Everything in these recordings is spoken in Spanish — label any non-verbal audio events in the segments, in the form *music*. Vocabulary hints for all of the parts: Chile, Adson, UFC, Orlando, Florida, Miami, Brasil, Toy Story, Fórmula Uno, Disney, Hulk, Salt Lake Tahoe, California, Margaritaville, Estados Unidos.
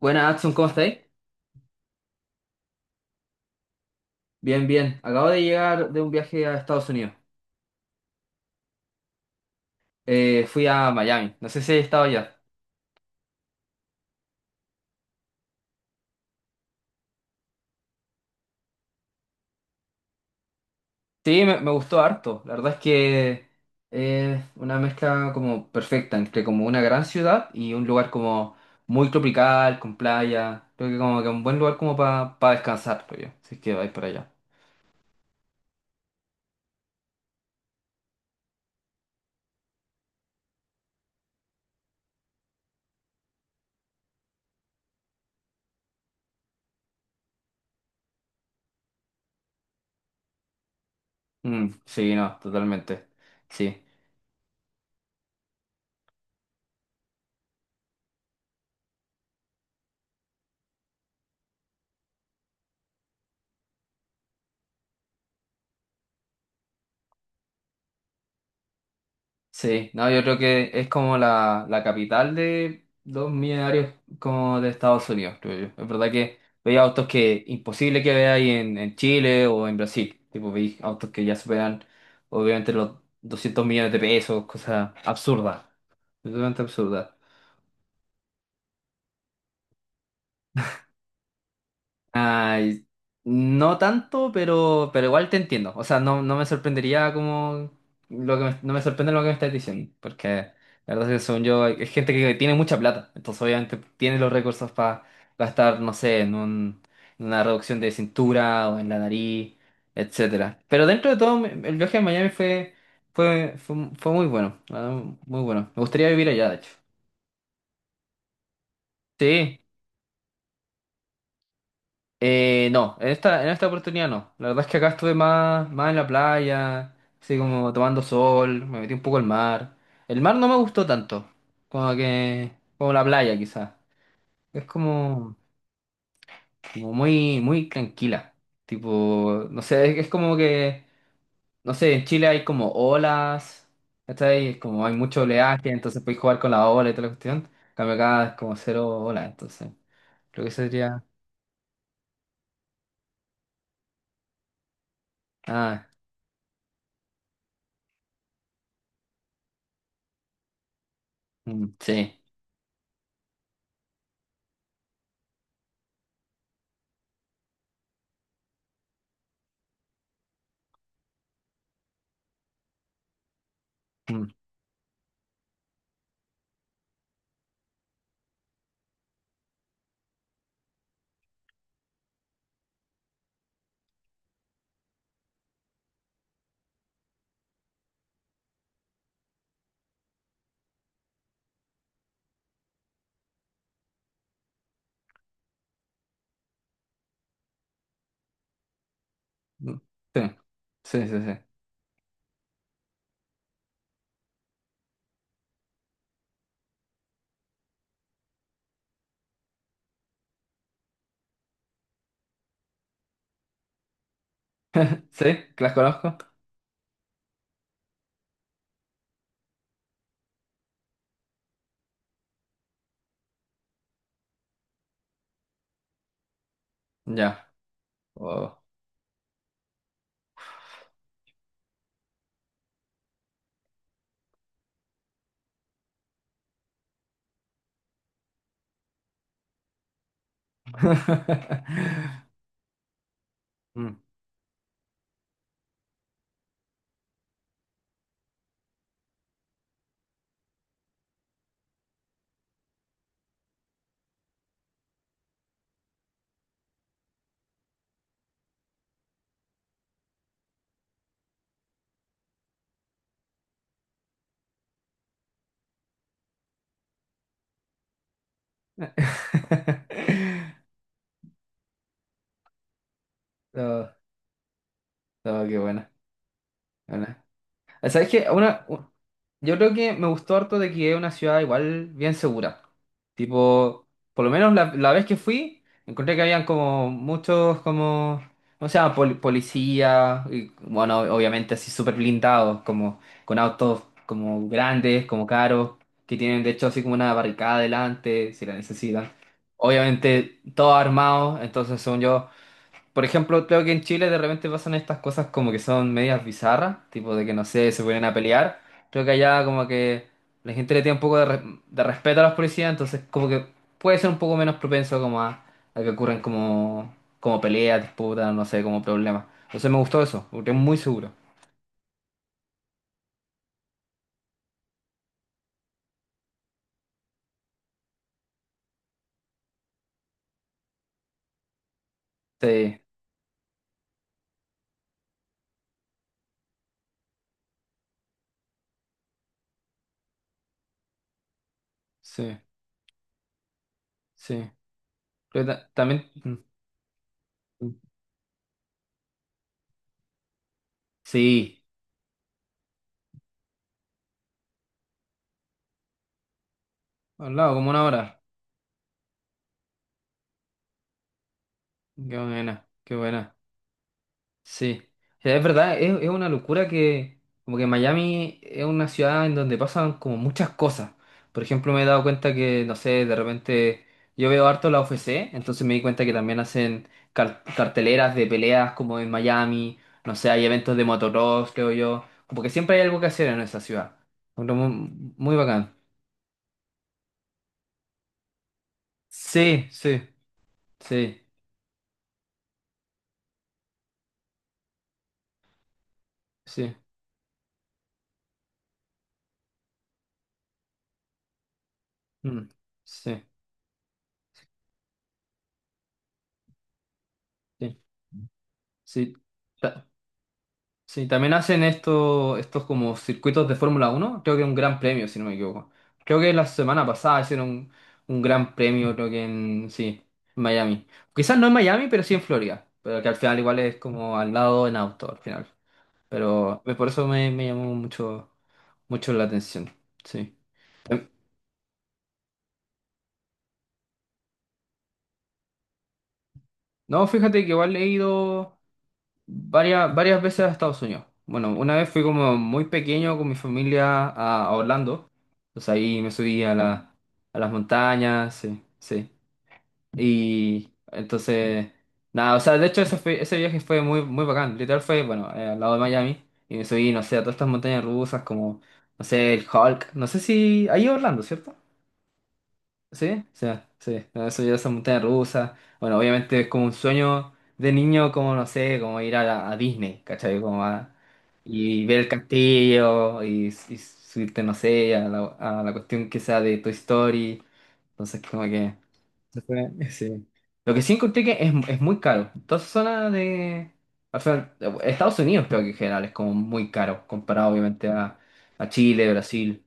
Buenas, Adson, ¿cómo estáis? Bien, bien. Acabo de llegar de un viaje a Estados Unidos. Fui a Miami. No sé si he estado allá. Sí, me gustó harto. La verdad es que es una mezcla como perfecta entre como una gran ciudad y un lugar como muy tropical, con playa. Creo que como que un buen lugar como para descansar, creo yo. Si es que vais para allá. Mm, sí, no, totalmente. Sí. Sí, no, yo creo que es como la capital de los millonarios como de Estados Unidos, creo yo. Es verdad que veía autos que imposible que veáis en Chile o en Brasil. Tipo, veis autos que ya superan obviamente los 200 millones de pesos, cosas absurdas, absolutamente absurdas. Ay, no tanto, pero igual te entiendo. O sea, no, no me sorprendería como lo que no me sorprende lo que me estás diciendo, porque la verdad es que según yo, es gente que tiene mucha plata, entonces obviamente tiene los recursos para gastar, no sé, en una reducción de cintura o en la nariz, etcétera. Pero dentro de todo, el viaje a Miami fue muy bueno, la verdad, muy bueno. Me gustaría vivir allá, de hecho. Sí. No, en esta oportunidad no. La verdad es que acá estuve más en la playa, así como tomando sol, me metí un poco al mar. El mar no me gustó tanto, como que, como la playa quizás. Es como muy, muy tranquila. Tipo, no sé, es como que, no sé, en Chile hay como olas, ¿cachai? Es como hay mucho oleaje, entonces podéis jugar con la ola y toda la cuestión. En cambio acá es como cero olas, entonces. Creo que eso sería. Ah, mm, sí. Mm. Sí, sí, sí, sí. ¿Sí? ¿Que las conozco? Ya. Oh. *laughs* Mm. *laughs* No, no, qué buena. Buena. ¿Sabes qué? Yo creo que me gustó harto de que es una ciudad igual bien segura. Tipo, por lo menos la vez que fui, encontré que habían como muchos como, o sea, policías, y bueno, obviamente así súper blindados, como con autos como grandes, como caros, que tienen de hecho así como una barricada delante, si la necesitan. Obviamente todos armados, entonces según yo por ejemplo, creo que en Chile de repente pasan estas cosas como que son medias bizarras, tipo de que no sé, se ponen a pelear. Creo que allá como que la gente le tiene un poco de respeto a los policías, entonces como que puede ser un poco menos propenso como a que ocurran como peleas, disputas, no sé, como problemas. Entonces me gustó eso, porque es muy seguro. Sí, sí, sí. Creo que también. Mm, mm. Sí, al lado, como una hora. Qué buena, qué buena. Sí. O sea, es verdad, es una locura que como que Miami es una ciudad en donde pasan como muchas cosas. Por ejemplo, me he dado cuenta que, no sé, de repente yo veo harto la UFC, entonces me di cuenta que también hacen carteleras de peleas como en Miami, no sé, hay eventos de motocross, creo yo, como que siempre hay algo que hacer en esa ciudad. Bueno, muy, muy bacán. Sí, sí, sí, sí, mm, sí, sí, sí. Ta- Sí, también hacen esto, estos como circuitos de Fórmula Uno. Creo que un gran premio, si no me equivoco. Creo que la semana pasada hicieron un gran premio, creo que en, sí, en Miami. Quizás no en Miami, pero sí en Florida, pero que al final igual es como al lado en auto, al final. Pero por eso me llamó mucho, mucho la atención, sí. Em, No, fíjate que igual he ido, varias veces a Estados Unidos. Bueno, una vez fui como muy pequeño con mi familia a Orlando. Entonces ahí me subí a las montañas, sí, sí. Y entonces, nada, o sea, de hecho ese viaje fue muy, muy bacán. Literal fue, bueno, al lado de Miami. Y me subí, no sé, a todas estas montañas rusas como, no sé, el Hulk. No sé si. Ahí en Orlando, ¿cierto? Sí, sí, sí. No, eso ya esa montaña rusa. Bueno, obviamente es como un sueño de niño, como no sé, como ir a Disney, ¿cachai? Y ver el castillo y subirte, no sé, a la cuestión que sea de Toy Story. Entonces, como que. Se fue, *laughs* sí. Lo que sí encontré que es muy caro. Toda esa zona de. O sea, Estados Unidos creo que en general es como muy caro, comparado obviamente a Chile, Brasil.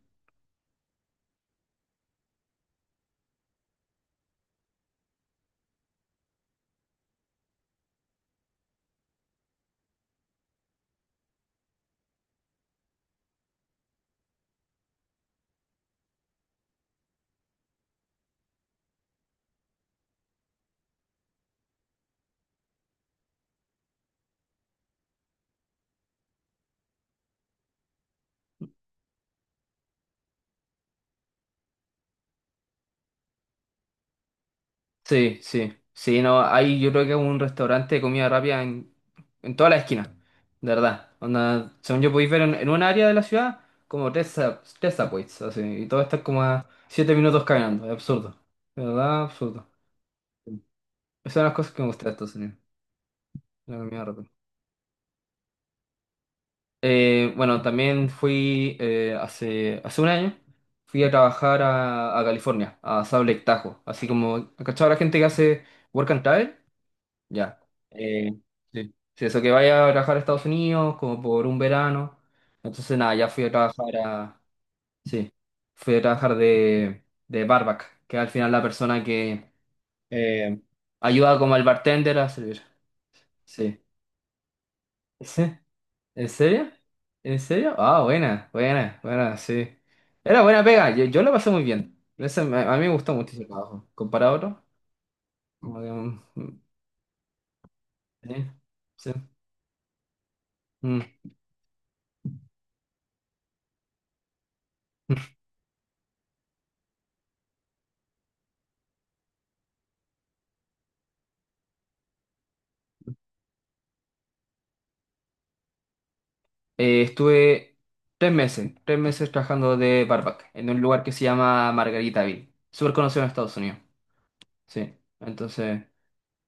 Sí, sí, sí, no, hay yo creo que es un restaurante de comida rápida en toda la esquina, de verdad. Onda, según yo podéis ver en un área de la ciudad, como tres subways, así, y todo está como a 7 minutos caminando, es absurdo, de verdad, absurdo. Sí. Esas son las cosas que me gustan de Estados Unidos, la comida rápida. Bueno, también fui hace un año, fui a trabajar a California, a Salt Lake Tahoe, así como, ¿cachado la gente que hace work and travel? Ya. Eh, Sí. Sí, eso que vaya a trabajar a Estados Unidos como por un verano. Entonces, nada, ya fui a trabajar a. Sí, fui a trabajar de barback, que al final la persona que eh, ayuda como al bartender a servir. Sí. Sí. ¿En serio? ¿En serio? Ah, buena, buena, buena, sí. Era buena pega, yo la pasé muy bien. Ese a mí me gustó mucho ese trabajo. Comparado a otro, como que, mm, mm, sí, sí. Mm. Mm. Estuve tres meses trabajando de barback en un lugar que se llama Margaritaville. Súper conocido en Estados Unidos. Sí, entonces,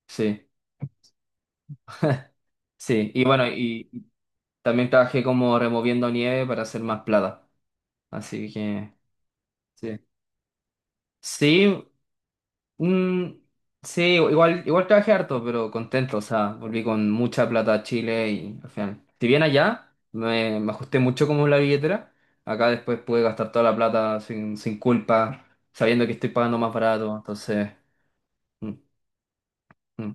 sí, *laughs* sí. Y bueno, y también trabajé como removiendo nieve para hacer más plata. Así que, sí. Sí, mm, sí, igual trabajé harto, pero contento, o sea, volví con mucha plata a Chile y al final, si bien allá me ajusté mucho como la billetera, acá después pude gastar toda la plata sin culpa, sabiendo que estoy pagando más barato, entonces, mm, mm,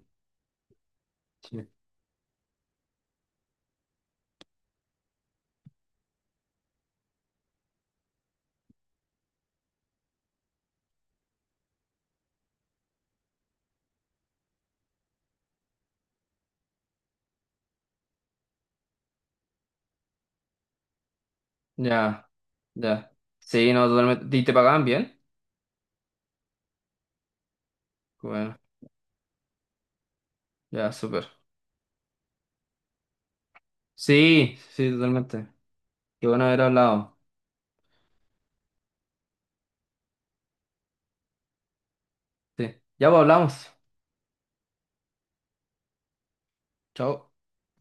sí. Ya, ya. Sí, no, totalmente. ¿Y te pagaban bien? Bueno, ya, súper. Sí, sí, totalmente. Qué bueno haber hablado. Sí, ya pues, hablamos. Chao.